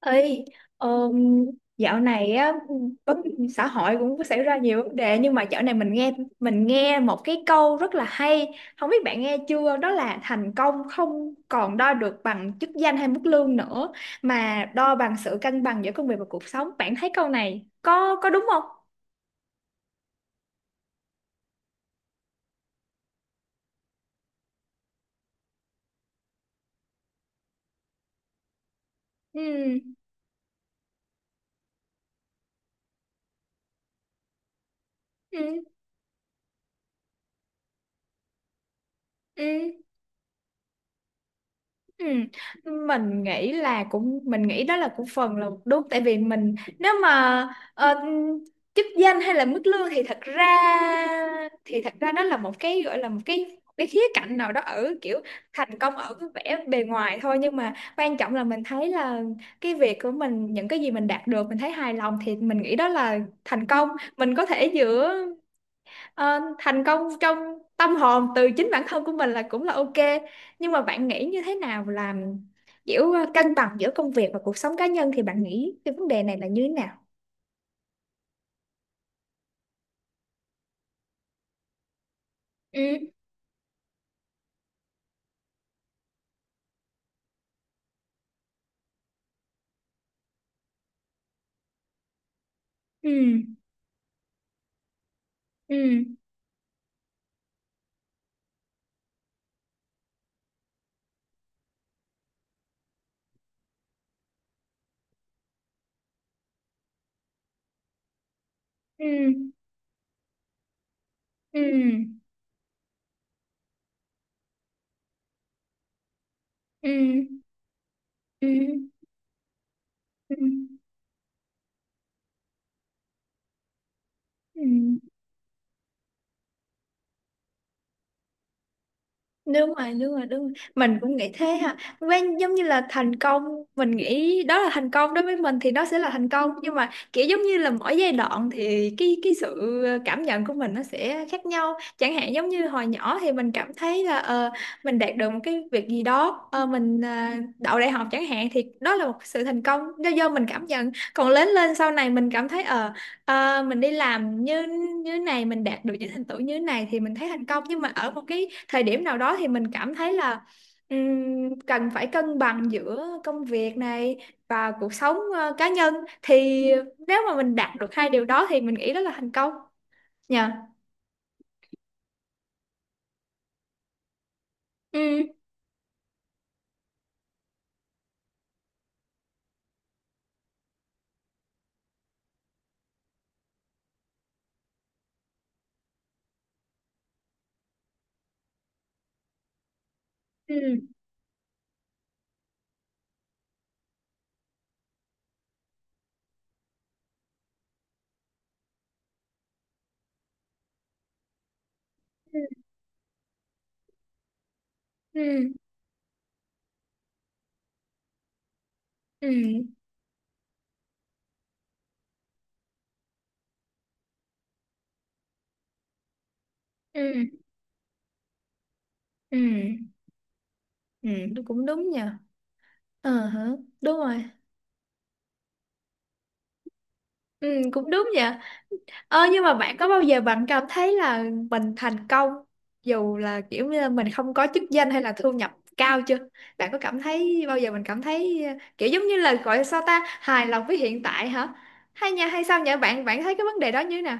Ê, ờm, dạo này á, vấn xã hội cũng có xảy ra nhiều vấn đề. Nhưng mà dạo này mình nghe một cái câu rất là hay, không biết bạn nghe chưa? Đó là thành công không còn đo được bằng chức danh hay mức lương nữa, mà đo bằng sự cân bằng giữa công việc và cuộc sống. Bạn thấy câu này có đúng không? Ừ, ừ, ừ. Ừ. Mình nghĩ đó là cũng phần là đúng. Tại vì mình, nếu mà ờ, chức danh hay là mức lương, thì thật ra đó là một cái, gọi là một cái khía cạnh nào đó, ở kiểu thành công ở cái vẻ bề ngoài thôi. Nhưng mà quan trọng là mình thấy là cái việc của mình, những cái gì mình đạt được mình thấy hài lòng, thì mình nghĩ đó là thành công. Mình có thể giữa thành công trong tâm hồn từ chính bản thân của mình là cũng là ok. Nhưng mà bạn nghĩ như thế nào là kiểu cân bằng giữa công việc và cuộc sống cá nhân, thì bạn nghĩ cái vấn đề này là như thế nào? Ừ, ừ, ừ, ừ, ừ, ừ, ừ, ừ, ừ. Đúng rồi, đúng rồi, đúng rồi. Mình cũng nghĩ thế ha, quen giống như là thành công, mình nghĩ đó là thành công đối với mình thì nó sẽ là thành công. Nhưng mà kiểu giống như là mỗi giai đoạn thì cái sự cảm nhận của mình nó sẽ khác nhau. Chẳng hạn giống như hồi nhỏ thì mình cảm thấy là mình đạt được một cái việc gì đó, mình đậu đại học chẳng hạn, thì đó là một sự thành công do mình cảm nhận. Còn lớn lên sau này mình cảm thấy mình đi làm như như này, mình đạt được những thành tựu như này thì mình thấy thành công. Nhưng mà ở một cái thời điểm nào đó thì mình cảm thấy là cần phải cân bằng giữa công việc này và cuộc sống cá nhân, thì nếu mà mình đạt được hai điều đó thì mình nghĩ đó là thành công nha. Ừ, ừ, ừ, ừ, ừ, ừ, ừ, ừ, cũng đúng nha. Ờ hả. Đúng rồi. Ừ, cũng đúng nhỉ. Ờ, nhưng mà bạn có bao giờ bạn cảm thấy là mình thành công, dù là kiểu như là mình không có chức danh hay là thu nhập cao chưa? Bạn có cảm thấy bao giờ mình cảm thấy kiểu giống như là gọi là sao ta, hài lòng với hiện tại hả? Hay nha, hay sao nhỉ? Bạn bạn thấy cái vấn đề đó như thế nào?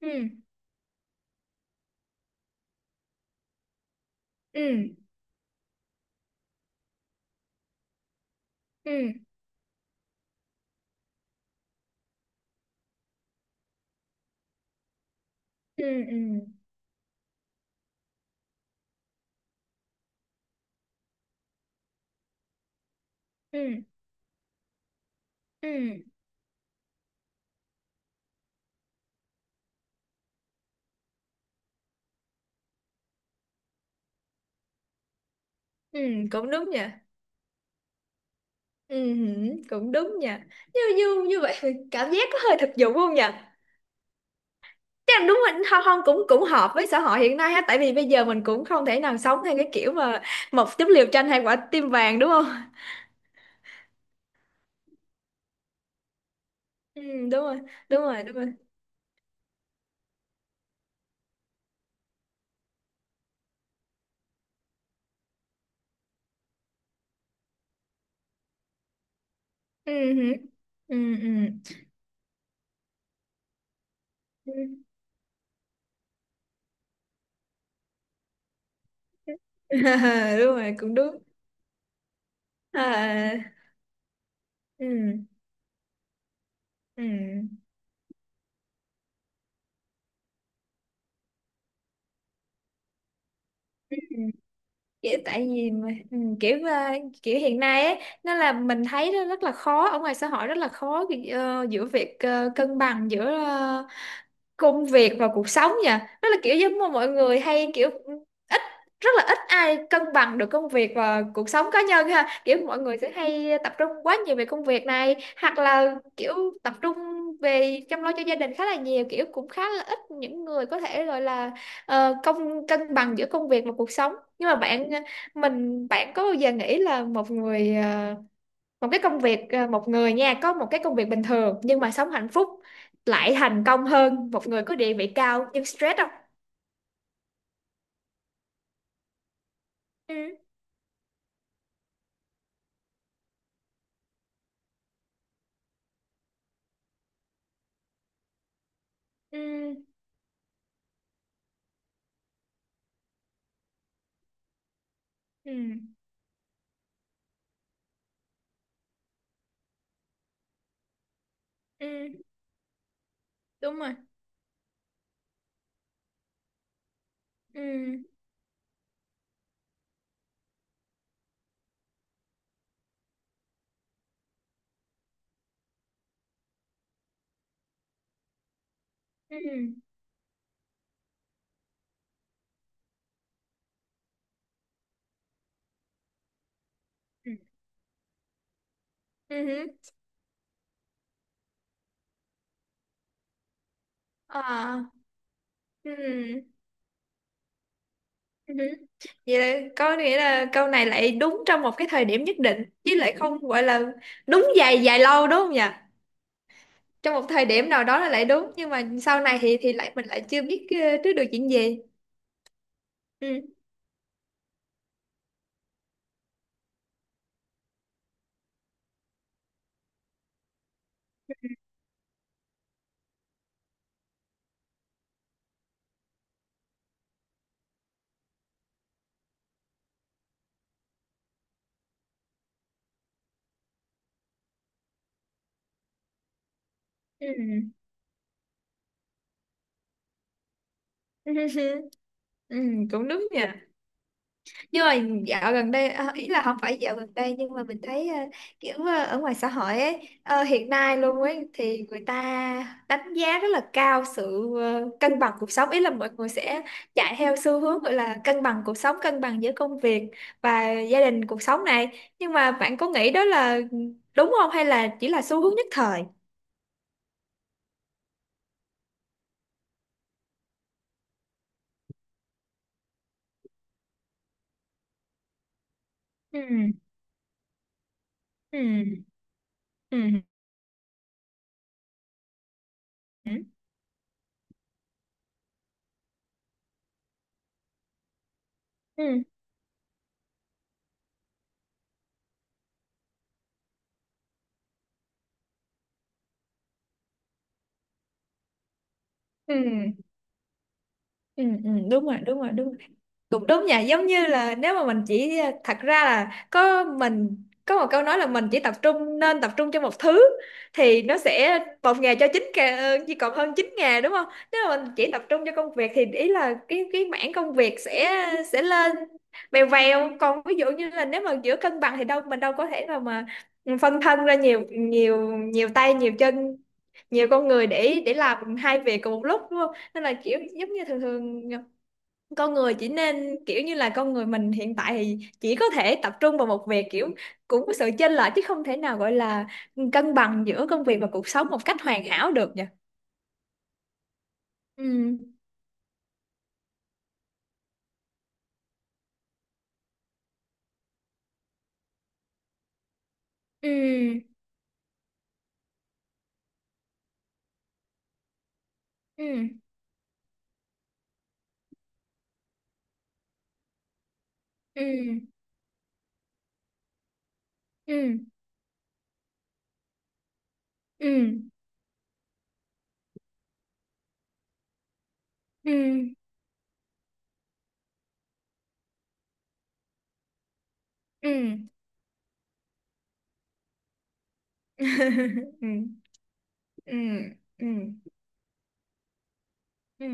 Ừ, ừ, ừ, ừ, ừ, ừ, ừ, ừ, cũng đúng nha. Ừ, hử, cũng đúng nha. Như như như vậy thì cảm giác có hơi thực dụng không nhỉ? Chắc đúng rồi, không, không, cũng cũng hợp với xã hội hiện nay ha, tại vì bây giờ mình cũng không thể nào sống theo cái kiểu mà một chút liều tranh hai quả tim vàng đúng không? Ừ, đúng rồi, đúng rồi, đúng rồi. Ừ, hử. Ừ, ừ. Ừ. Đúng rồi, cũng đúng. À, ừ, ừ. Kiểu tại vì mà, ừ, kiểu kiểu hiện nay ấy, nó là mình thấy nó rất là khó, ở ngoài xã hội rất là khó giữa việc cân bằng giữa công việc và cuộc sống nha. Đó là kiểu giống mà mọi người hay kiểu ít, rất là ít ai cân bằng được công việc và cuộc sống cá nhân ha. Kiểu mọi người sẽ hay tập trung quá nhiều về công việc này, hoặc là kiểu tập trung về chăm lo cho gia đình khá là nhiều, kiểu cũng khá là ít những người có thể gọi là cân bằng giữa công việc và cuộc sống. Nhưng mà bạn ờ, mình bạn có bao giờ nghĩ là một người, một cái công việc, một người nha, có một cái công việc bình thường nhưng mà sống hạnh phúc lại thành công hơn một người có địa vị cao nhưng stress không? Ừ, ừ, ừ, ừ, đúng rồi. Ừ, ừ, ừ, ừ, ừ. Ờ. Ừ, ừ, vậy là có nghĩa là câu này lại đúng trong một cái thời điểm nhất định, chứ lại không gọi là đúng dài dài lâu đúng không nhỉ? Trong một thời điểm nào đó là lại đúng, nhưng mà sau này thì lại mình lại chưa biết trước được chuyện gì. Ừ, ừ. Ừ, cũng đúng nha. Nhưng mà dạo gần đây, à, ý là không phải dạo gần đây, nhưng mà mình thấy kiểu ở ngoài xã hội ấy, hiện nay luôn ấy, thì người ta đánh giá rất là cao sự cân bằng cuộc sống, ý là mọi người sẽ chạy theo xu hướng gọi là cân bằng cuộc sống, cân bằng giữa công việc và gia đình cuộc sống này. Nhưng mà bạn có nghĩ đó là đúng không, hay là chỉ là xu hướng nhất thời? Ừ, ừ, ừ, ừ, ừ, ừ, ừ. Ừ. Đúng rồi, đúng rồi, đúng rồi. Cũng đúng nha, giống như là nếu mà mình chỉ, thật ra là có mình có một câu nói là mình chỉ tập trung, nên tập trung cho một thứ, thì nó sẽ một ngày cho chín ngà chỉ còn hơn 9 ngày đúng không? Nếu mà mình chỉ tập trung cho công việc thì ý là cái mảng công việc sẽ lên vèo vèo. Còn ví dụ như là nếu mà giữa cân bằng thì đâu, mình đâu có thể nào mà, ừ, phân thân ra nhiều nhiều nhiều tay nhiều chân, nhiều con người để làm hai việc cùng một lúc đúng không? Nên là kiểu giống như thường thường con người chỉ nên, kiểu như là con người mình hiện tại thì chỉ có thể tập trung vào một việc, kiểu cũng có sự chênh lệch chứ không thể nào gọi là cân bằng giữa công việc và cuộc sống một cách hoàn hảo được nhỉ? Ừ, ừ, ừ, ừ, ừ, ừ, ừ, ừ. Ừ, ừ, ừ, ừ,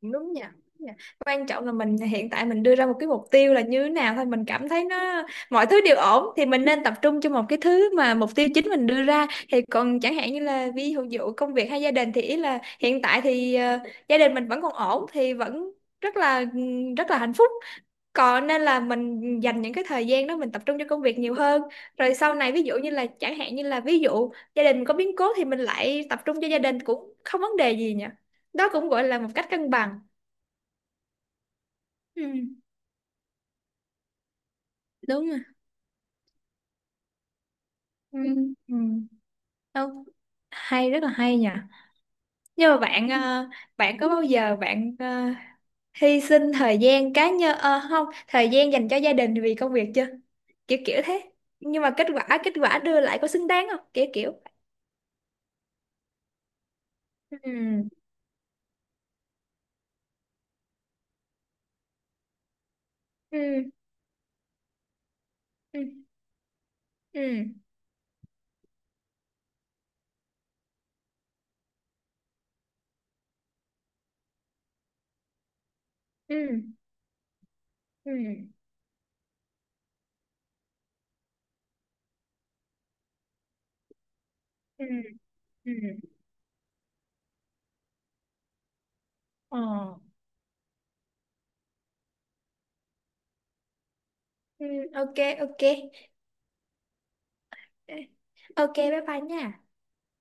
đúng nha. Đúng nha. Quan trọng là mình hiện tại mình đưa ra một cái mục tiêu là như thế nào thôi, mình cảm thấy nó, mọi thứ đều ổn thì mình nên tập trung cho một cái thứ mà mục tiêu chính mình đưa ra. Thì còn chẳng hạn như là ví dụ dụ công việc hay gia đình, thì ý là hiện tại thì gia đình mình vẫn còn ổn thì vẫn rất là rất là hạnh phúc. Còn nên là mình dành những cái thời gian đó mình tập trung cho công việc nhiều hơn. Rồi sau này ví dụ như là chẳng hạn như là ví dụ gia đình có biến cố thì mình lại tập trung cho gia đình cũng không vấn đề gì nhỉ. Đó cũng gọi là một cách cân bằng. Ừ, đúng rồi. Ừ. Ừ. Đâu, hay rất là hay nhỉ. Nhưng mà bạn bạn có bao giờ bạn hy sinh thời gian cá nhân, không, thời gian dành cho gia đình vì công việc chưa? Kiểu kiểu thế. Nhưng mà kết quả đưa lại có xứng đáng không? Kiểu kiểu. Ừ. Ừ. Ừ. Ừ, ừ, ừ, ừ, ừ. Ờ. Ừ, ok. Ok. Ờ, ok, bye bye nha.